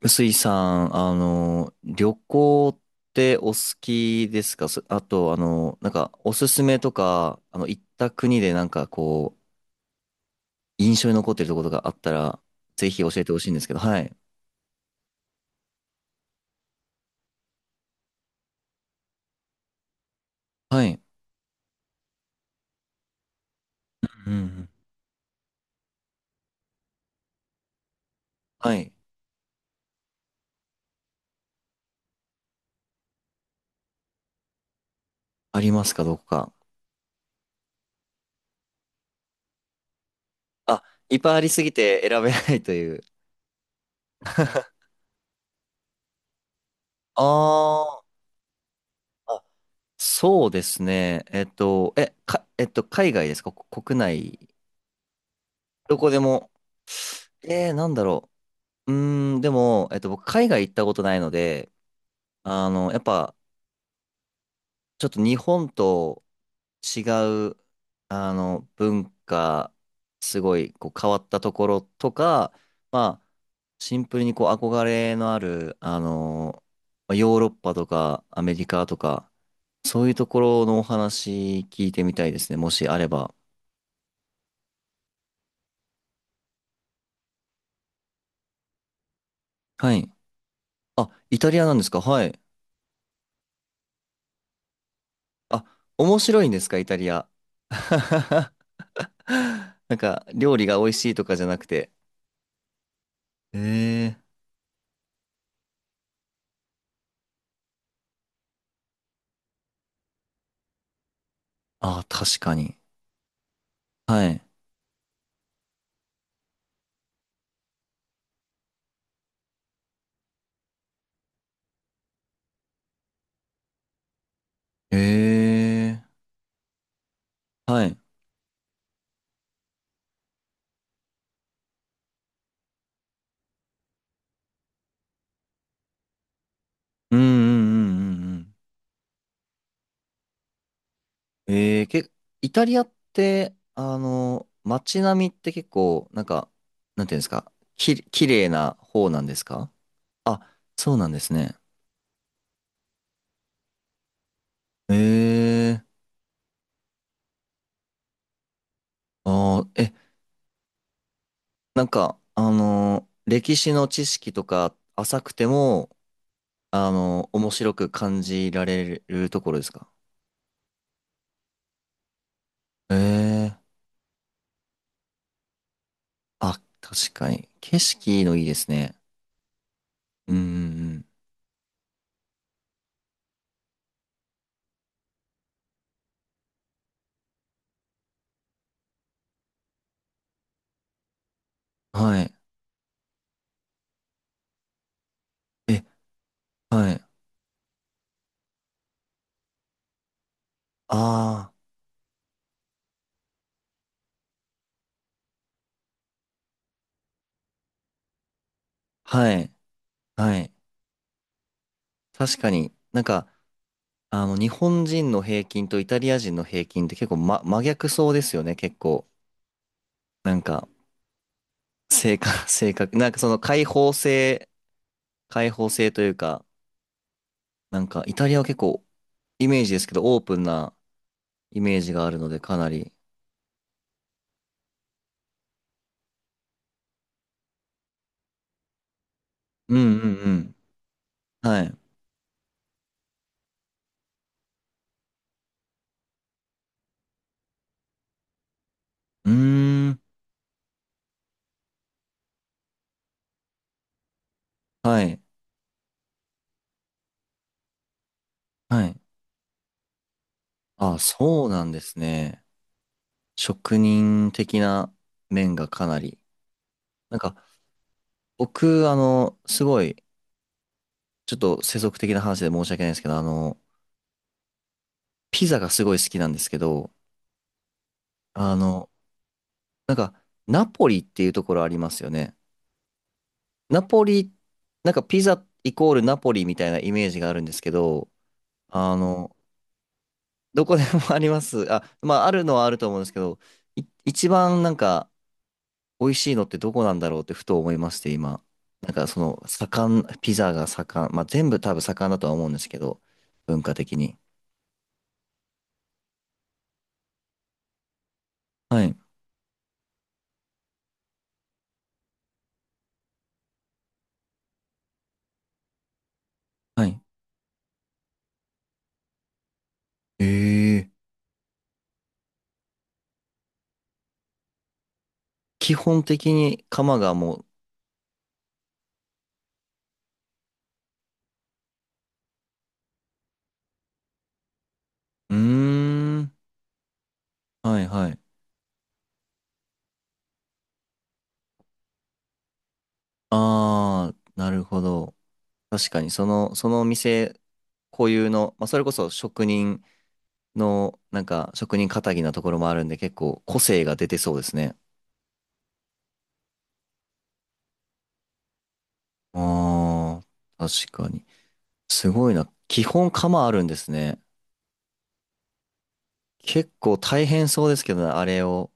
臼井さん、旅行ってお好きですか？あと、おすすめとか、行った国で印象に残ってるところがあったら、ぜひ教えてほしいんですけど。はい。はい。うんうん。はい。ありますか、どこか。あ、いっぱいありすぎて選べないという。あー、あ、そうですね。えっと、海外ですか、こ国内？どこでも？なんだろう。うーん、でも、えっと、僕、海外行ったことないので、あの、やっぱ、ちょっと日本と違う、あの、文化、すごい、こう、変わったところとか、まあ、シンプルに、こう、憧れのある、あの、まあヨーロッパとか、アメリカとか、そういうところのお話聞いてみたいですね、もしあれば。はい。あ、イタリアなんですか。はい。あ、面白いんですか、イタリア？なんか、料理が美味しいとかじゃなくて？ええー。ああ、確かに。はい。ええー。はい。うんうんうんうんうん。ええー、イタリアって、あの、街並みって結構、なんか、なんていうんですか、綺麗な方なんですか？あ、そうなんですね。ええー。ああ、え、なんか、あの、歴史の知識とか浅くても、あの、面白く感じられるところですか？ええ、あ、確かに。景色のいいですね。うんうんうん。はい。え、はい。ああ、はい。はい。確かになんか、あの、日本人の平均とイタリア人の平均って結構、ま、真逆そうですよね、結構。なんか、性格、開放性というか、なんかイタリアは結構イメージですけど、オープンなイメージがあるので、かなり。うんうんうん。はい。うーん。はい。はい。あ、そうなんですね。職人的な面がかなり。なんか、僕、あの、すごい、ちょっと世俗的な話で申し訳ないんですけど、あの、ピザがすごい好きなんですけど、あの、なんか、ナポリっていうところありますよね。ナポリ、なんかピザイコールナポリみたいなイメージがあるんですけど、あの、どこでも あります。あ、まあ、あるのはあると思うんですけど、一番なんか、美味しいのってどこなんだろうってふと思いまして、今。なんか、ピザが盛ん、まあ全部多分盛んだとは思うんですけど、文化的に。はい。はい。ええ。基本的に釜がもう、うーん。はいはい。あー、なるほど。確かに、そのお店固有の、まあそれこそ職人の、なんか職人気質なところもあるんで、結構個性が出てそうですね。あー、確かに。すごいな。基本釜あるんですね。結構大変そうですけどね、あれを、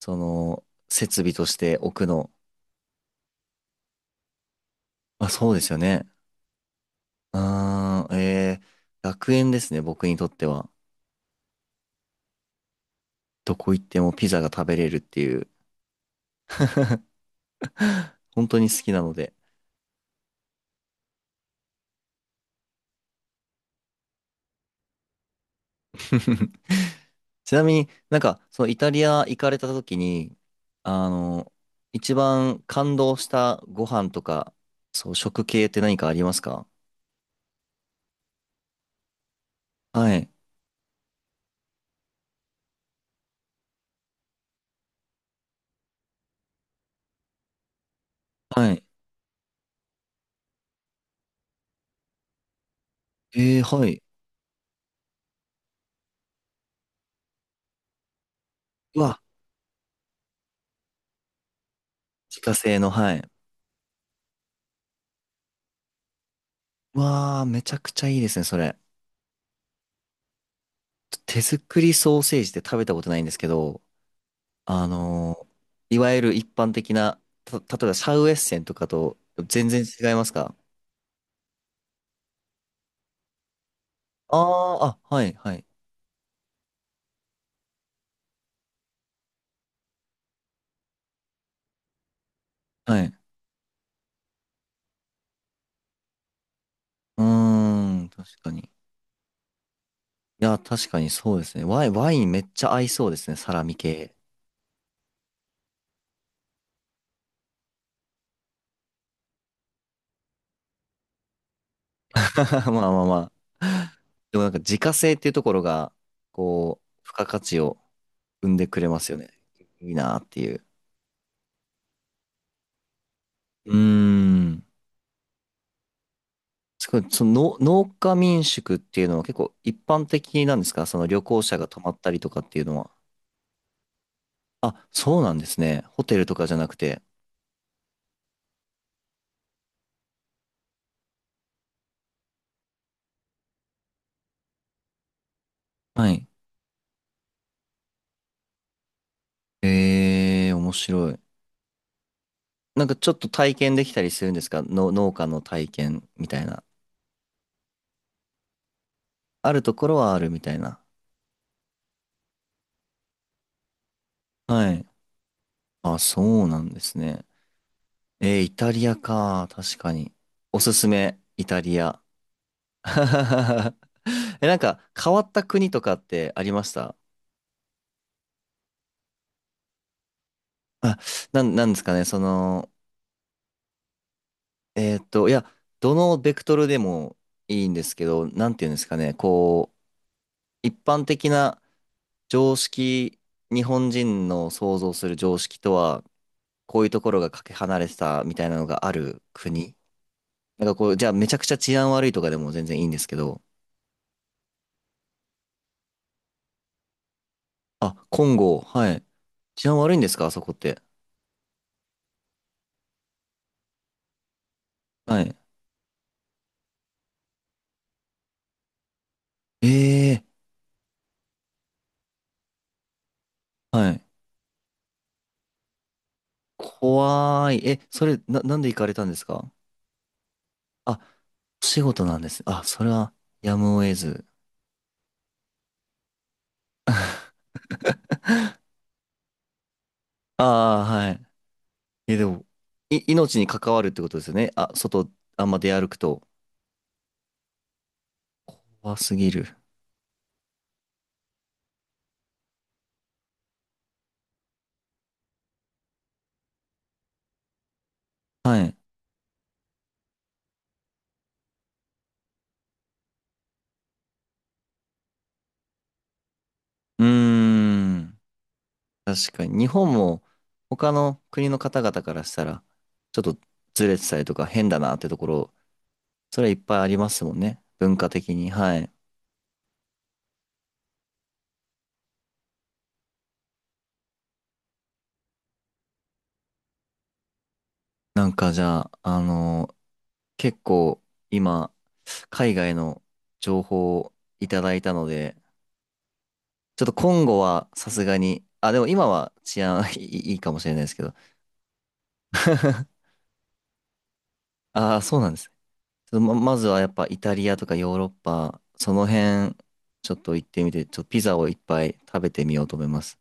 その、設備として置くの。あ、そうですよね。あー、えー、楽園ですね、僕にとっては。どこ行ってもピザが食べれるっていう、本当に好きなので。ちなみになんか、そのイタリア行かれた時に、あの、一番感動したご飯とか、そう、食系って何かありますか？はい。はい。えー、はい。うわ、自家製の、はい。わあ、めちゃくちゃいいですね、それ。手作りソーセージって食べたことないんですけど、あのー、いわゆる一般的な、例えばシャウエッセンとかと全然違いますか？ああー、あ、はい、はい、はい。うーん、確かに。いや、確かにそうですね。ワイン、ワインめっちゃ合いそうですね、サラミ系。まあまあまあ。でもなんか自家製っていうところが、こう、付加価値を生んでくれますよね。いいなっていう。うーん。すごい、その農家民宿っていうのは結構一般的なんですか？その旅行者が泊まったりとかっていうのは。あ、そうなんですね。ホテルとかじゃなくて。はい。えー、面白い。なんかちょっと体験できたりするんですか、の農家の体験みたいな。あるところはあるみたいな。はい。あ、そうなんですね。えー、イタリアか。確かに。おすすめ、イタリア。え、なんか変わった国とかってありました？あ、なんですかね、その、えーっと、いや、どのベクトルでもいいんですけど、なんていうんですかね、こう、一般的な常識、日本人の想像する常識とは、こういうところがかけ離れてたみたいなのがある国。なんかこう、じゃあめちゃくちゃ治安悪いとかでも全然いいんですけど、あ、コンゴ、はい。治安悪いんですか、あそこって。はい。ええー、はい。怖い。え、それ、なんで行かれたんですか？あ、お仕事なんです。あ、それは、やむを得ず。ああ、はい。え、でも、命に関わるってことですよね。あ、外、あんま出歩くと。怖すぎる。はい。うーん。確かに。日本も、他の国の方々からしたら、ちょっとずれてたりとか変だなってところ、それはいっぱいありますもんね。文化的に。はい。なんかじゃあ、あのー、結構、今、海外の情報をいただいたので、ちょっと今後はさすがに、あ、でも今は治安 いいかもしれないですけど。 ああ、そうなんです。ちょっとまずはやっぱイタリアとかヨーロッパ、その辺、ちょっと行ってみて、ちょっとピザをいっぱい食べてみようと思います。